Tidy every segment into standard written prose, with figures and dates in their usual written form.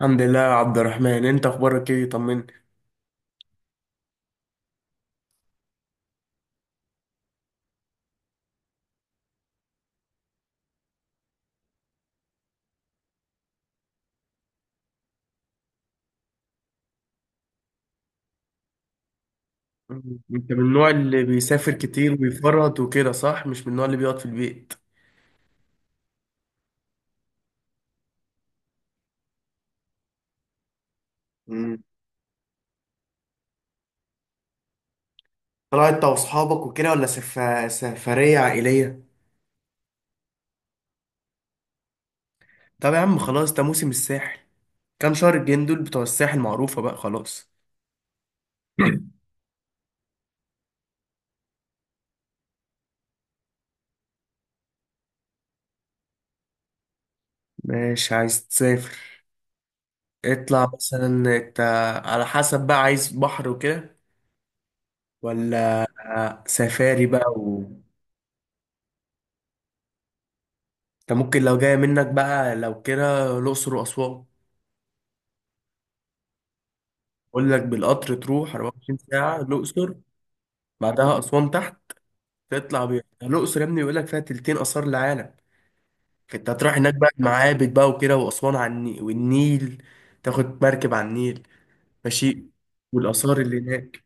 الحمد لله يا عبد الرحمن، انت اخبارك ايه؟ طمني. مم. انت من النوع اللي بيسافر كتير ويفرط وكده، صح؟ مش من النوع اللي بيقعد في البيت. مم. طلعت انت واصحابك وكده ولا سفرية عائلية؟ طب يا عم خلاص، ده موسم الساحل. كام شهر الجايين دول بتوع الساحل معروفة بقى خلاص. ماشي، عايز تسافر. اطلع مثلا انت، على حسب بقى، عايز بحر وكده ولا سفاري بقى انت ممكن لو جاية منك بقى، لو كده الأقصر وأسوان. بقول لك بالقطر تروح 24 ساعة الأقصر، بعدها أسوان تحت. تطلع بيها الأقصر يا ابني، بيقول لك فيها تلتين آثار العالم. فأنت هتروح هناك بقى معابد بقى وكده، وأسوان على النيل والنيل، تاخد مركب على النيل. ماشي. والآثار اللي هناك.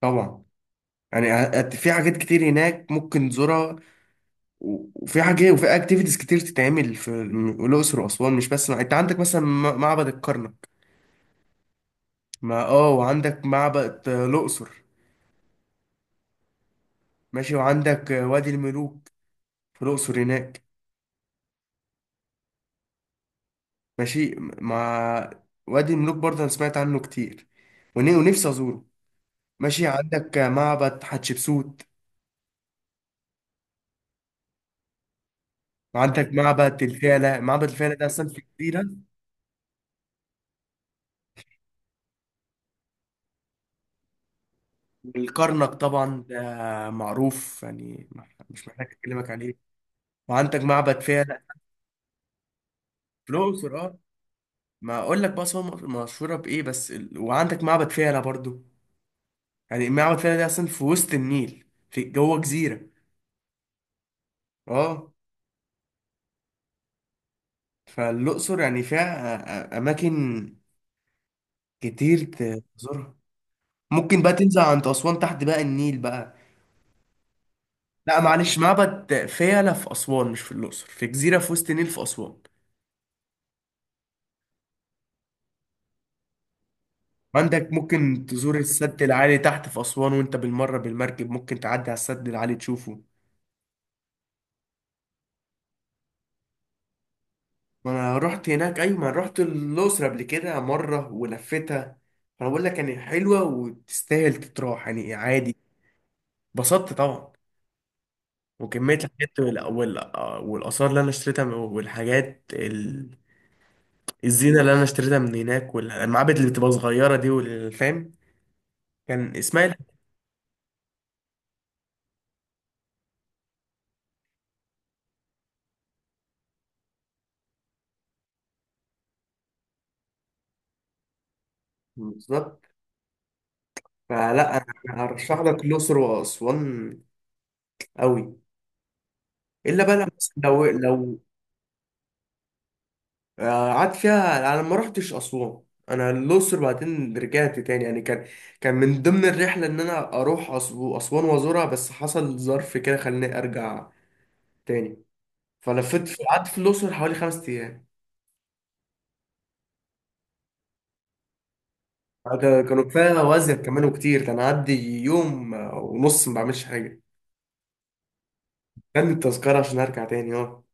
طبعا. يعني في حاجات كتير هناك ممكن تزورها، و- وفي حاجة وفي اكتيفيتيز كتير تتعمل في الأقصر وأسوان. مش بس انت عندك مثلا معبد الكرنك. ما وعندك معبد الأقصر. ماشي، وعندك وادي الملوك في الأقصر هناك. ماشي. وادي الملوك برضه أنا سمعت عنه كتير، ون- ونفسي أزوره. ماشي، عندك معبد حتشبسوت، وعندك معبد الفيلة. معبد الفيلة ده أصلا في جزيرة. والكرنك طبعا ده معروف، يعني مش محتاج أكلمك عليه. وعندك معبد فيلة في الأقصر، أه. ما أقول لك بقى أصلا مشهورة بإيه، وعندك معبد فيلة برضه. يعني معبد فيلة ده أصلا في وسط النيل، في جوه جزيرة. أه. فالأقصر يعني فيها أماكن كتير تزورها. ممكن بقى تنزل عند أسوان تحت بقى، النيل بقى. لا معلش، معبد فيلة في أسوان مش في الأقصر، في جزيرة في وسط النيل في أسوان. عندك ممكن تزور السد العالي تحت في أسوان، وأنت بالمرة بالمركب ممكن تعدي على السد العالي تشوفه. ما أنا رحت هناك، أيوة ما أنا رحت الأقصر قبل كده مرة ولفتها. فأنا بقول لك يعني حلوة وتستاهل تتراح يعني، عادي. اتبسطت طبعا. وكمية الحاجات والآثار اللي أنا اشتريتها والحاجات الزينة اللي أنا اشتريتها من هناك، والمعابد اللي بتبقى صغيرة دي والفام. كان إسماعيل. بالظبط، فلا أنا هرشح لك الأقصر وأسوان. أوي. إلا بقى. لو قعدت فيها أنا ما رحتش أسوان. أنا الأقصر بعدين رجعت تاني، يعني كان من ضمن الرحلة إن أنا أروح أسوان وأزورها، بس حصل ظرف كده خلاني أرجع تاني. فلفت في، قعدت في الأقصر حوالي 5 أيام. كانوا كفايه وزن كمان وكتير. كان عدي يوم ونص ما بعملش حاجه. كان التذكره عشان ارجع تاني اه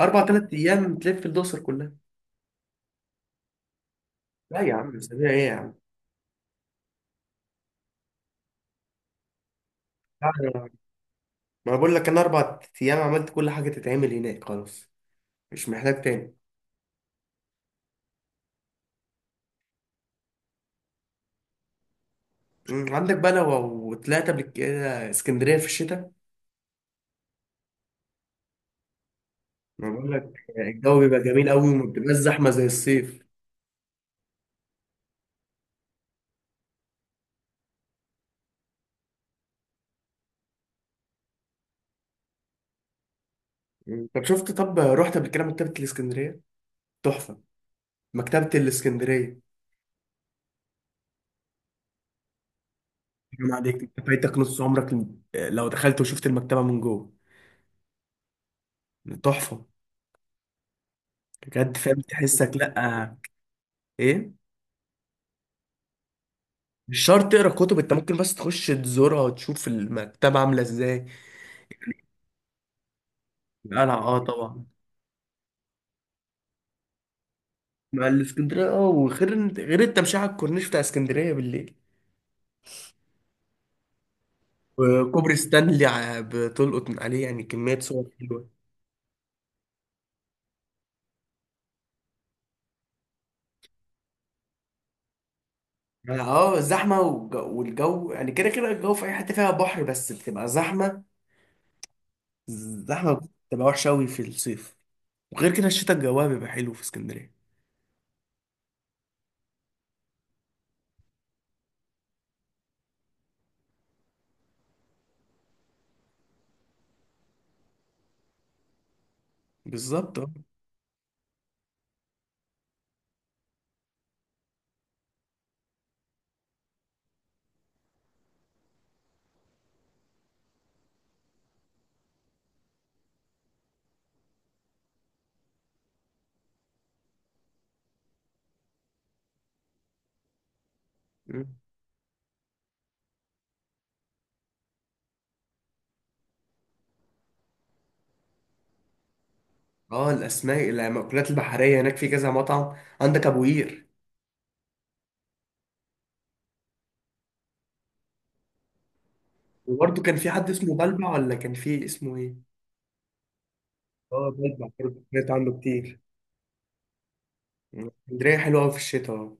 4 3 ايام تلف الدوسر كلها. لا يا عم، اسابيع ايه يا عم. لا. ما أنا بقول لك انا 4 ايام عملت كل حاجه تتعمل هناك، خلاص مش محتاج تاني. عندك بقى لو طلعت قبل كده اسكندريه في الشتاء. ما بقول لك الجو بيبقى جميل قوي، وما بتبقاش زحمه زي الصيف. طب شفت، طب رحت قبل كده مكتبه الاسكندريه؟ تحفه. مكتبه الاسكندريه. حرام عليك انت فايتك نص عمرك، لو دخلت وشفت المكتبه من جوه. تحفه، بجد. فاهم تحسك؟ لا. ايه؟ مش شرط تقرا كتب، انت ممكن بس تخش تزورها وتشوف المكتبه عامله ازاي. القلعه، اه طبعا. مع الاسكندريه، اه. وغير غير التمشيه على الكورنيش بتاع اسكندريه بالليل. وكوبري ستانلي بتلقط من عليه يعني كميه صور حلوه. يعني الزحمه والجو يعني، كده كده الجو في اي حته فيها بحر بس بتبقى زحمه زحمه. بتبقى وحشه قوي في الصيف. وغير كده الشتاء الجوها بيبقى حلو في اسكندرية. بالظبط، اه. مم. اه الأسماك المأكولات البحرية هناك، في كذا مطعم عندك أبو قير. وبرضه كان في حد اسمه بلبع، ولا كان في اسمه إيه؟ اه، بلبع برضه سمعت عنه كتير. مم. اسكندرية حلوة أوي في الشتاء، اه.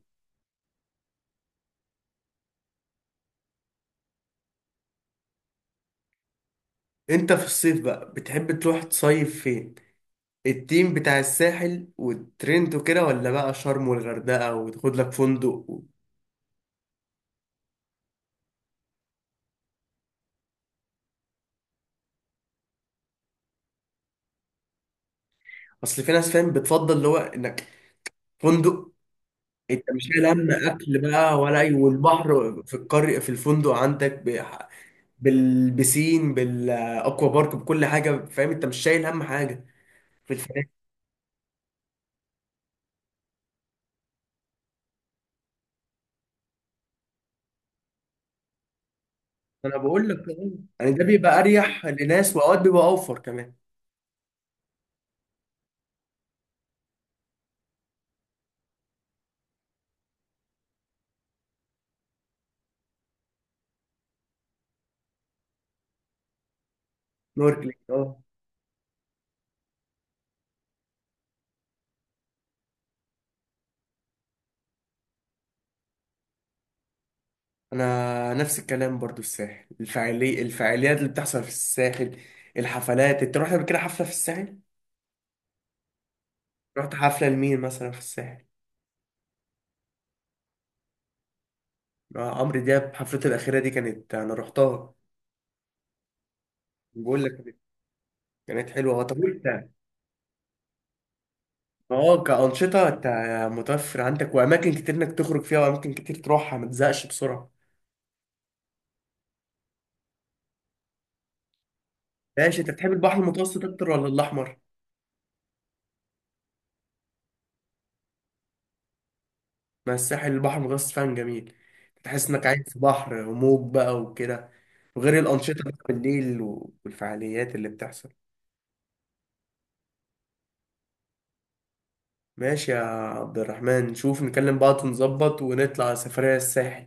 أنت في الصيف بقى بتحب تروح تصيف فين؟ التيم بتاع الساحل والترند وكده، ولا بقى شرم والغردقة وتاخد لك فندق. أصل في ناس فاهم بتفضل اللي هو إنك فندق. انت مش شايل هم اكل بقى ولا اي، والبحر في القرية في الفندق عندك بالبسين بالاكوا بارك بكل حاجه، فاهم انت مش شايل هم حاجه في الفنادق. انا بقول لك اه. يعني ده بيبقى اريح لناس، واوقات بيبقى اوفر كمان. نوركلينج، اه. انا نفس الكلام برضو، الساحل الفعاليات اللي بتحصل في الساحل، الحفلات. انت رحت قبل كده حفله في الساحل؟ رحت حفله لمين مثلا في الساحل؟ عمرو دياب حفلته الاخيره دي كانت انا رحتها. بقول لك كانت حلوه، طب. اه كأنشطة انت متوفر عندك، وأماكن كتير إنك تخرج فيها وأماكن كتير تروحها ما تزهقش بسرعة. ماشي. أنت بتحب البحر المتوسط أكتر ولا الأحمر؟ ما الساحل البحر المتوسط فعلا جميل، تحس إنك عايز في بحر وموج بقى وكده. وغير الأنشطة بقى بالليل والفعاليات اللي بتحصل. ماشي يا عبد الرحمن، نشوف نكلم بعض ونظبط ونطلع سفرية الساحل.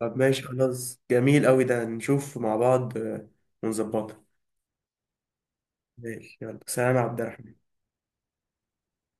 طب ماشي، خلاص جميل أوي ده، نشوف مع بعض ونظبطها. ماشي يلا، سلام يا عبد الرحمن.